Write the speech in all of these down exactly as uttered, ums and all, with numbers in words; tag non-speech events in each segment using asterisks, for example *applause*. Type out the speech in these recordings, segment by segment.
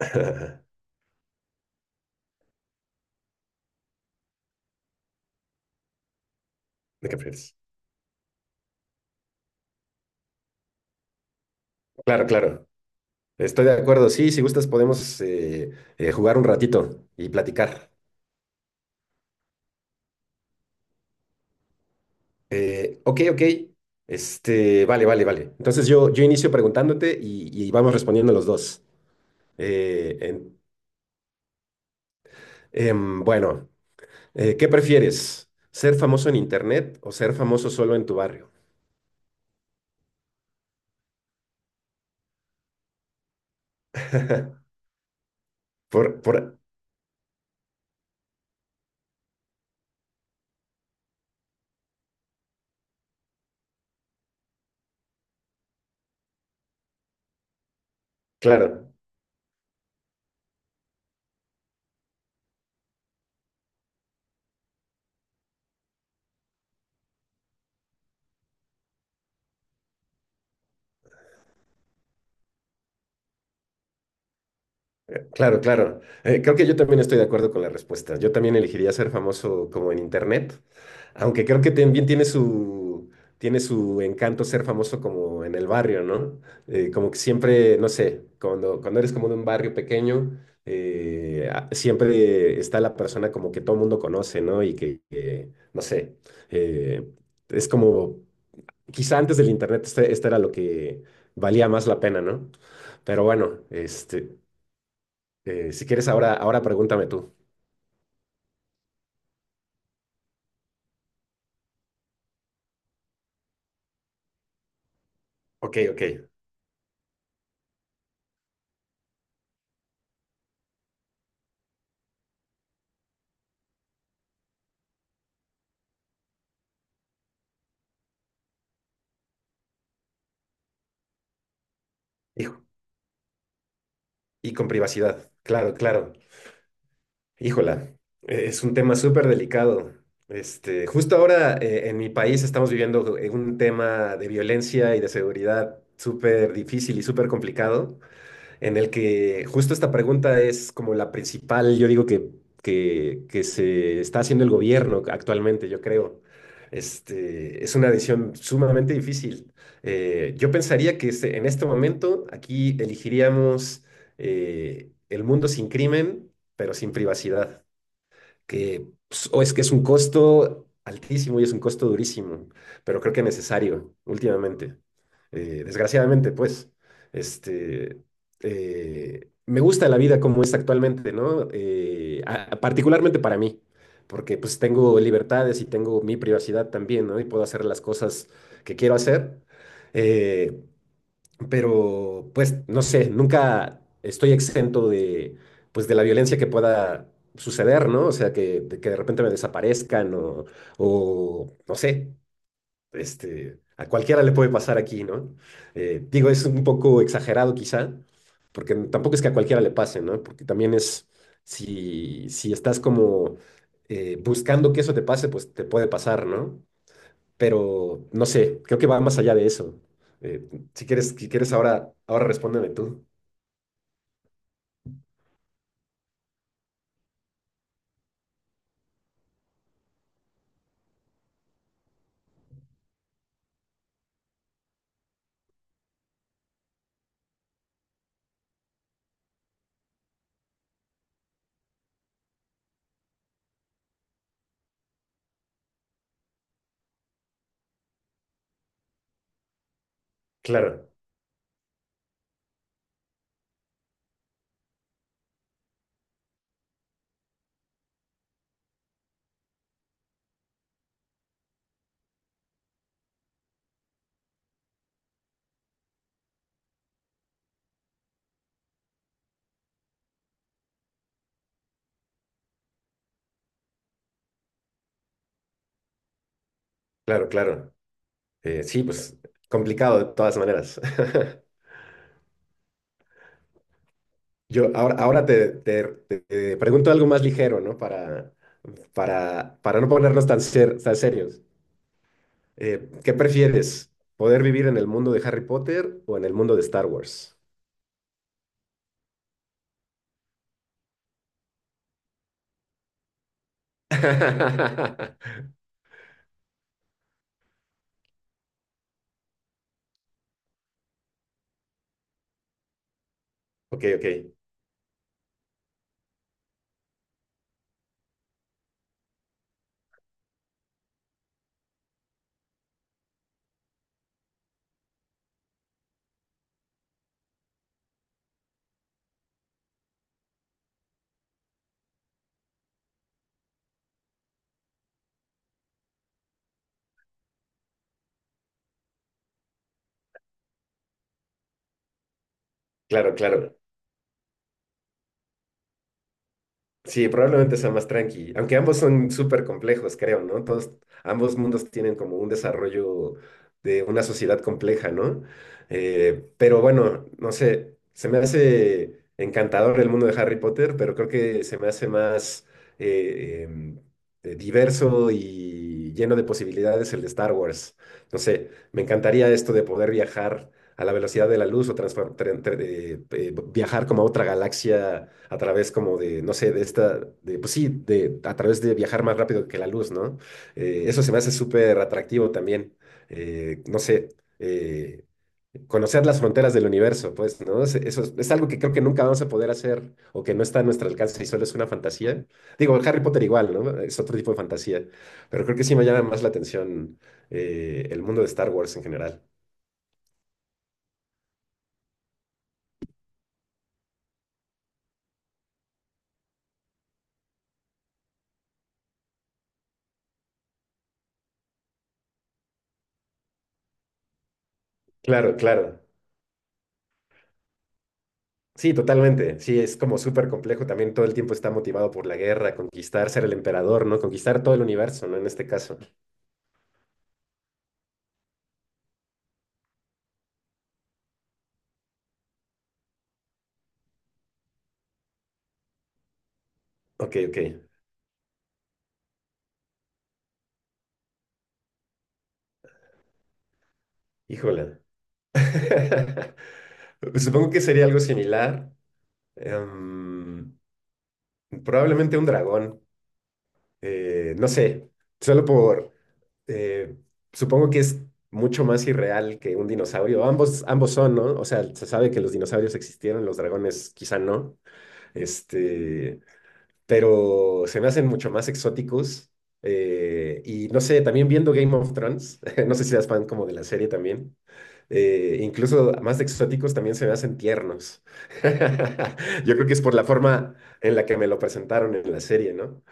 *laughs* ¿De qué prefieres? Claro, claro. Estoy de acuerdo. Sí, si gustas podemos eh, eh, jugar un ratito y platicar. Eh, ok, ok. Este, vale, vale, vale. Entonces yo, yo inicio preguntándote y, y vamos respondiendo los dos. Eh, en- em, bueno, eh, ¿qué prefieres? ¿Ser famoso en internet o ser famoso solo en tu barrio? *laughs* Por, por, claro. Claro, claro. Eh, creo que yo también estoy de acuerdo con la respuesta. Yo también elegiría ser famoso como en internet, aunque creo que también tiene su, tiene su encanto ser famoso como en el barrio, ¿no? Eh, como que siempre, no sé, cuando, cuando eres como de un barrio pequeño, eh, a- siempre está la persona como que todo el mundo conoce, ¿no? Y que, que, no sé, eh, es como, quizá antes del internet este, este era lo que valía más la pena, ¿no? Pero bueno, este... Eh, si quieres, ahora, ahora pregúntame tú. Ok, ok. Hijo, y con privacidad. Claro, claro. Híjola, eh, es un tema súper delicado. Este, justo ahora eh, en mi país estamos viviendo eh, un tema de violencia y de seguridad súper difícil y súper complicado. En el que justo esta pregunta es como la principal, yo digo que, que, que se está haciendo el gobierno actualmente, yo creo. Este, es una decisión sumamente difícil. Eh, yo pensaría que se- en este momento aquí elegiríamos eh, el mundo sin crimen, pero sin privacidad, que pues, o es que es un costo altísimo y es un costo durísimo, pero creo que necesario últimamente. Eh, desgraciadamente, pues, este, eh, me gusta la vida como es actualmente, ¿no? Eh, a- particularmente para mí, porque pues tengo libertades y tengo mi privacidad también, ¿no? Y puedo hacer las cosas que quiero hacer. Eh, pero pues no sé, nunca estoy exento de, pues, de la violencia que pueda suceder, ¿no? O sea, que, de que de repente me desaparezcan o, o, no sé, este, a cualquiera le puede pasar aquí, ¿no? Eh, digo, es un poco exagerado quizá, porque tampoco es que a cualquiera le pase, ¿no? Porque también es, si, si estás como eh, buscando que eso te pase, pues te puede pasar, ¿no? Pero no sé, creo que va más allá de eso. Eh, si quieres, si quieres ahora, ahora respóndeme tú. Claro, claro, claro. Eh, sí, pues complicado de todas maneras. *laughs* Yo ahora, ahora te, te- te- te pregunto algo más ligero, ¿no? Para, para, para no ponernos tan, ser- tan serios. Eh, ¿qué prefieres? ¿Poder vivir en el mundo de Harry Potter o en el mundo de Star Wars? *laughs* Ok, ok. Claro, claro. Sí, probablemente sea más tranqui, aunque ambos son súper complejos, creo, ¿no? Todos, ambos mundos tienen como un desarrollo de una sociedad compleja, ¿no? Eh, pero bueno, no sé, se me hace encantador el mundo de Harry Potter, pero creo que se me hace más eh, em, eh, diverso y lleno de posibilidades el de Star Wars. No sé, me encantaría esto de poder viajar a la velocidad de la luz o transfor- tre- tre- eh, eh, viajar como a otra galaxia a través como de, no sé, de esta, de, pues sí, de, a través de viajar más rápido que la luz, ¿no? Eh, eso se me hace súper atractivo también, eh, no sé, eh, conocer las fronteras del universo, pues, ¿no? Es- Eso es, es algo que creo que nunca vamos a poder hacer o que no está a nuestro alcance y solo es una fantasía. Digo, Harry Potter igual, ¿no? Es otro tipo de fantasía, pero creo que sí me llama más la atención eh, el mundo de Star Wars en general. Claro, claro. Sí, totalmente. Sí, es como súper complejo. También todo el tiempo está motivado por la guerra, conquistar, ser el emperador, ¿no? Conquistar todo el universo, ¿no? En este caso. Ok, ok. Híjola. *laughs* Supongo que sería algo similar. Em, Probablemente un dragón. Eh, no sé. Solo por... eh, supongo que es mucho más irreal que un dinosaurio. Ambos, ambos son, ¿no? O sea, se sabe que los dinosaurios existieron, los dragones quizá no. Este... pero se me hacen mucho más exóticos. Eh, y no sé, también viendo Game of Thrones, *laughs* no sé si eres fan como de la serie también, eh, incluso más exóticos también se me hacen tiernos. *laughs* Yo creo que es por la forma en la que me lo presentaron en la serie, ¿no?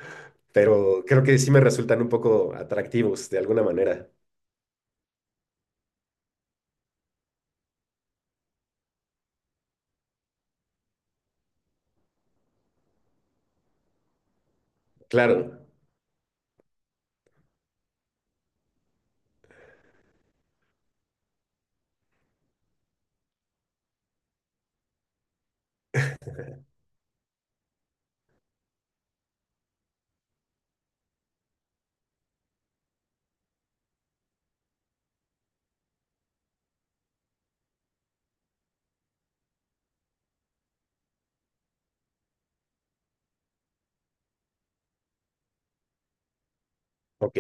Pero creo que sí me resultan un poco atractivos de alguna manera. Claro, ok.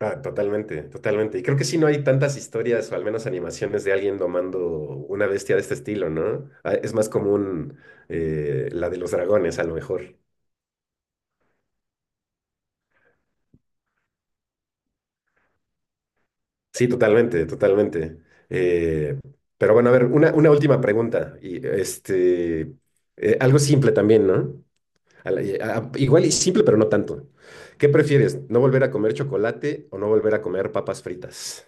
Ah, totalmente, totalmente. Y creo que sí no hay tantas historias o al menos animaciones de alguien domando una bestia de este estilo, ¿no? Ah, es más común eh, la de los dragones, a lo mejor. Sí, totalmente, totalmente. Eh, pero bueno, a ver, una, una última pregunta. Y este, eh, algo simple también, ¿no? A la- y- a- Igual y simple, pero no tanto. ¿Qué prefieres? ¿No volver a comer chocolate o no volver a comer papas fritas?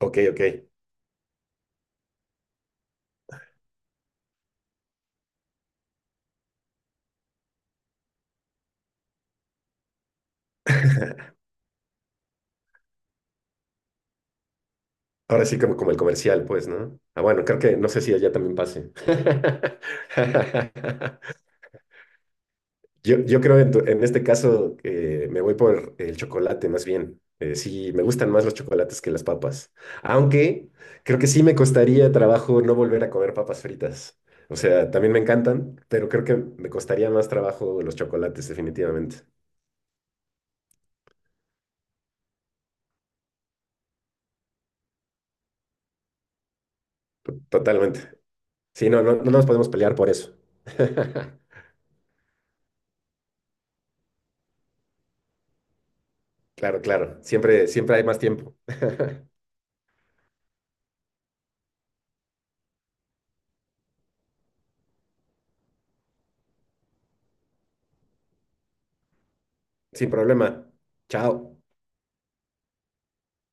Ok, ok. Ahora sí, como, como el comercial, pues, ¿no? Ah, bueno, creo que no sé si allá también pase. *laughs* Yo, yo creo en, tu- en este caso eh, me voy por el chocolate más bien. Eh, sí, me gustan más los chocolates que las papas. Aunque creo que sí me costaría trabajo no volver a comer papas fritas. O sea, también me encantan, pero creo que me costaría más trabajo los chocolates, definitivamente. Totalmente. Sí, no, no, no nos podemos pelear por eso. *laughs* Claro, claro. Siempre, siempre hay más tiempo. Sin problema. Chao.